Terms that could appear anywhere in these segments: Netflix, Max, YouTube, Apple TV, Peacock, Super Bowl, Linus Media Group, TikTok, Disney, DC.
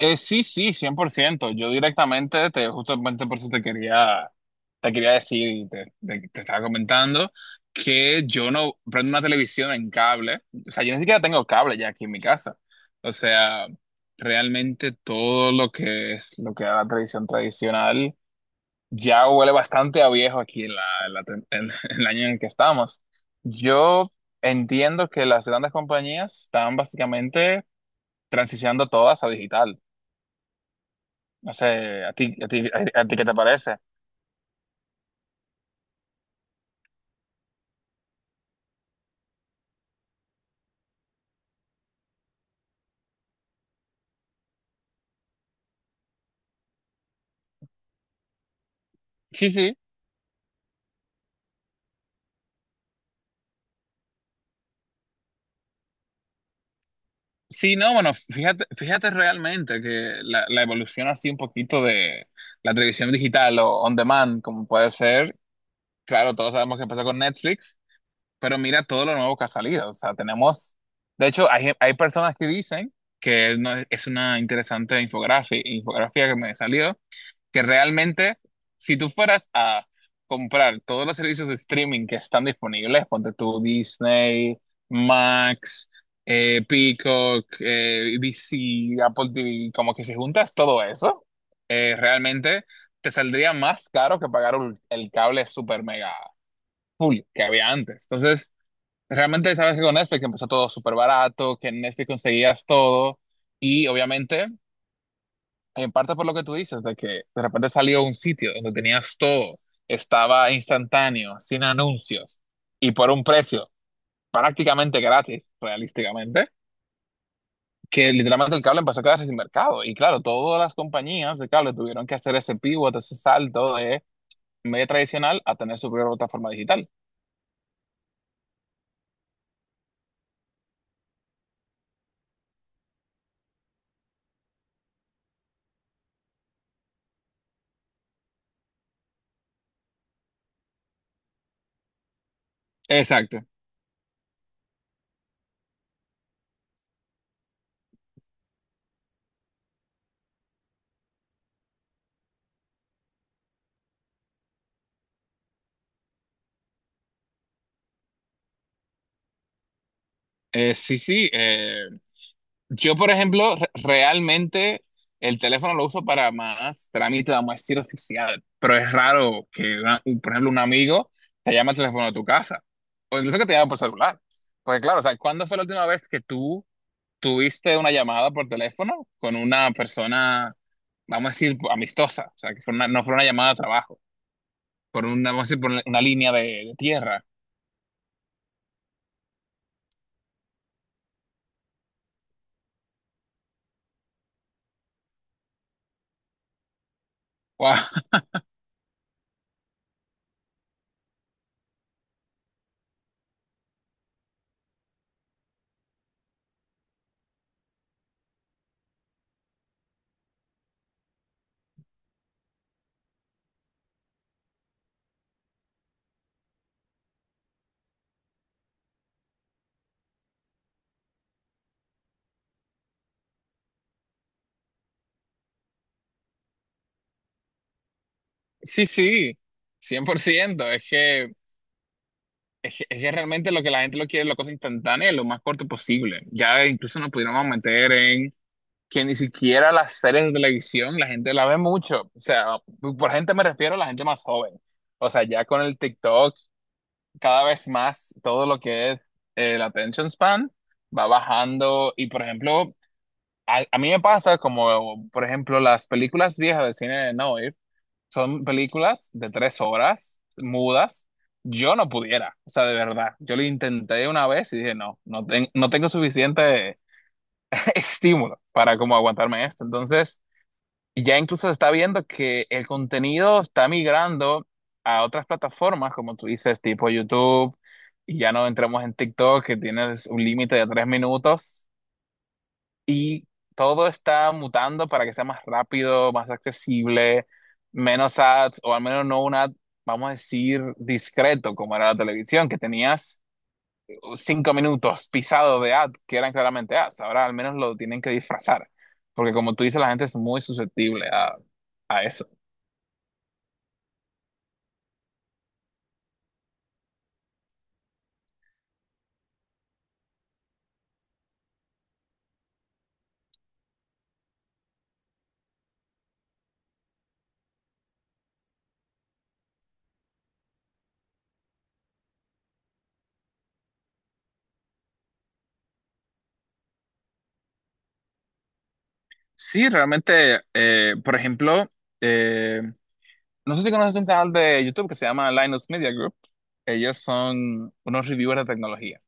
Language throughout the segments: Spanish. Sí, sí, cien por ciento. Yo directamente, justamente por eso te quería decir, y te estaba comentando, que yo no prendo una televisión en cable. O sea, yo ni siquiera tengo cable ya aquí en mi casa. O sea, realmente todo lo que es, lo que era la televisión tradicional, ya huele bastante a viejo aquí en en la en el año en el que estamos. Yo entiendo que las grandes compañías están básicamente transicionando todas a digital. No sé, ¿a ti, a ti qué te parece? Sí, sí. Sí, no, bueno, fíjate realmente que la evolución así un poquito de la televisión digital o on demand, como puede ser, claro, todos sabemos que empezó con Netflix, pero mira todo lo nuevo que ha salido. O sea, tenemos, de hecho, hay personas que dicen que no, es una interesante infografía que me salió, que realmente, si tú fueras a comprar todos los servicios de streaming que están disponibles, ponte tú Disney, Max, Peacock, DC, Apple TV, como que si juntas todo eso, realmente te saldría más caro que pagar el cable super mega full que había antes. Entonces, realmente sabes que con Netflix empezó todo súper barato, que en Netflix conseguías todo y obviamente en parte por lo que tú dices, de que de repente salió un sitio donde tenías todo, estaba instantáneo, sin anuncios y por un precio prácticamente gratis, realísticamente, que literalmente el cable empezó a quedarse sin mercado. Y claro, todas las compañías de cable tuvieron que hacer ese pivot, ese salto de medio tradicional a tener su propia plataforma digital. Exacto. Sí, sí. Yo, por ejemplo, realmente el teléfono lo uso para más trámite, vamos a decir, oficial, pero es raro que, por ejemplo, un amigo te llame al teléfono de tu casa o incluso que te llame por celular. Porque claro, o sea, ¿cuándo fue la última vez que tú tuviste una llamada por teléfono con una persona, vamos a decir, amistosa? O sea, que fue no fue una llamada de trabajo, por una, vamos a decir, por una línea de tierra. Wow. Sí, sí, cien por ciento. Es que... Es que, es que realmente lo que la gente lo quiere es la cosa instantánea y lo más corto posible. Ya incluso nos pudiéramos meter en que ni siquiera las series de televisión la gente la ve mucho. O sea, por gente me refiero a la gente más joven. O sea, ya con el TikTok, cada vez más todo lo que es el attention span va bajando. Y por ejemplo, a mí me pasa como, por ejemplo, las películas viejas de cine de Noir son películas de 3 horas, mudas. Yo no pudiera, o sea, de verdad. Yo lo intenté una vez y dije, no, no, no tengo suficiente estímulo para como aguantarme esto. Entonces, ya incluso se está viendo que el contenido está migrando a otras plataformas, como tú dices, tipo YouTube, y ya no entramos en TikTok, que tienes un límite de 3 minutos. Y todo está mutando para que sea más rápido, más accesible, menos ads, o al menos no un ad, vamos a decir, discreto, como era la televisión, que tenías 5 minutos pisados de ad, que eran claramente ads. Ahora al menos lo tienen que disfrazar, porque como tú dices, la gente es muy susceptible a eso. Sí, realmente, por ejemplo, eh, no sé si conoces un canal de YouTube que se llama Linus Media Group. Ellos son unos reviewers de tecnología.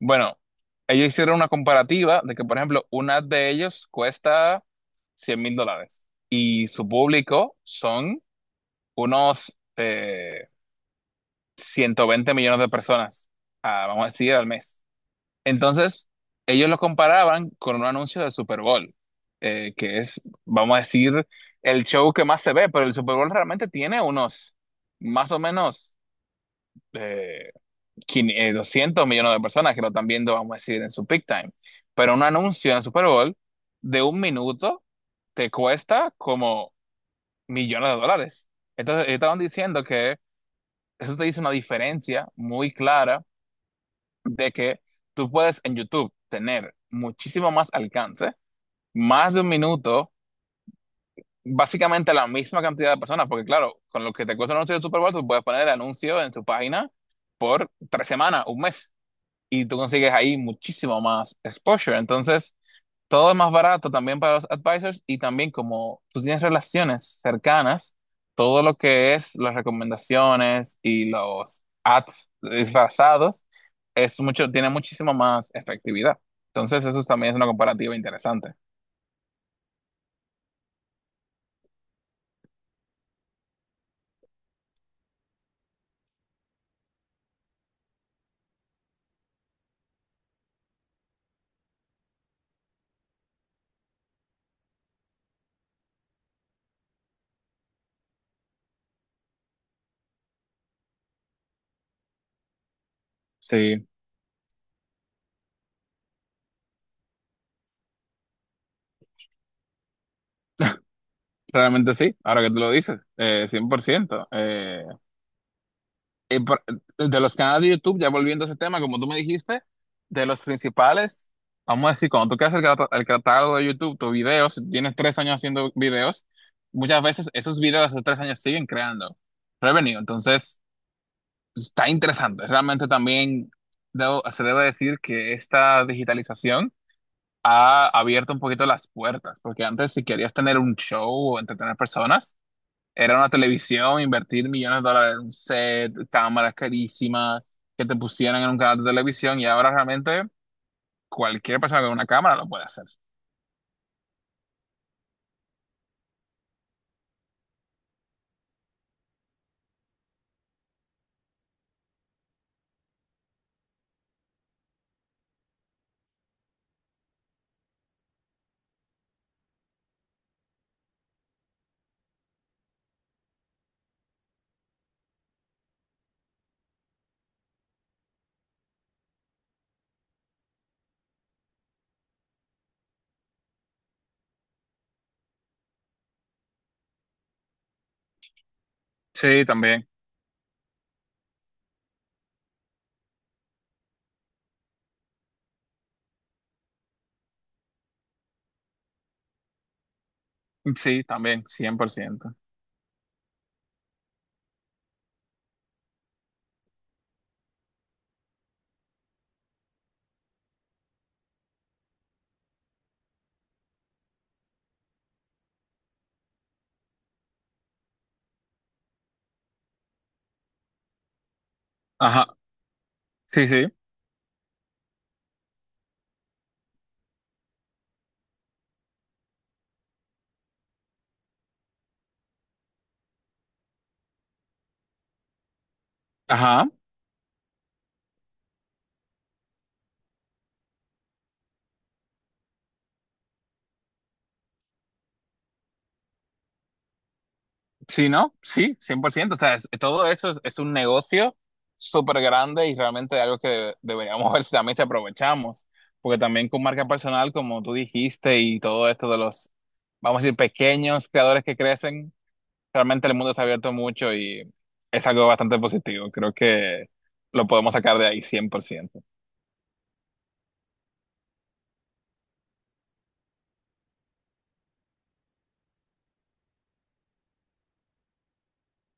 Bueno, ellos hicieron una comparativa de que, por ejemplo, una de ellos cuesta $100.000 y su público son unos 120 millones de personas, vamos a decir, al mes. Entonces, ellos lo comparaban con un anuncio del Super Bowl, que es, vamos a decir, el show que más se ve, pero el Super Bowl realmente tiene unos, más o menos... eh, 200 millones de personas que lo están viendo, vamos a decir, en su peak time. Pero un anuncio en el Super Bowl de un minuto te cuesta como millones de dólares. Entonces, ellos estaban diciendo que eso te dice una diferencia muy clara de que tú puedes en YouTube tener muchísimo más alcance, más de un minuto, básicamente la misma cantidad de personas, porque claro, con lo que te cuesta un anuncio de Super Bowl, tú puedes poner el anuncio en tu página por 3 semanas, un mes. Y tú consigues ahí muchísimo más exposure. Entonces, todo es más barato también para los advisors y también como tú tienes relaciones cercanas, todo lo que es las recomendaciones y los ads disfrazados es mucho, tiene muchísimo más efectividad. Entonces, eso también es una comparativa interesante. Sí, realmente sí, ahora que tú lo dices, 100%. Y por- de los canales de YouTube, ya volviendo a ese tema, como tú me dijiste, de los principales, vamos a decir, cuando tú creas el catálogo de YouTube, tus videos, si tienes 3 años haciendo videos, muchas veces esos videos de 3 años siguen creando revenue. Entonces, está interesante. Realmente también se debe decir que esta digitalización ha abierto un poquito las puertas, porque antes si querías tener un show o entretener personas, era una televisión, invertir millones de dólares en un set, cámaras carísimas, que te pusieran en un canal de televisión y ahora realmente cualquier persona con una cámara lo puede hacer. Sí, también. Sí, también, cien por ciento. Ajá, sí, sí. Ajá, sí, ¿no? Sí, cien por ciento. O sea, todo eso es un negocio súper grande y realmente algo que deberíamos ver si también se aprovechamos. Porque también con marca personal, como tú dijiste, y todo esto de los, vamos a decir, pequeños creadores que crecen, realmente el mundo se ha abierto mucho y es algo bastante positivo. Creo que lo podemos sacar de ahí cien por ciento.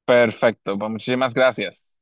Perfecto, pues muchísimas gracias.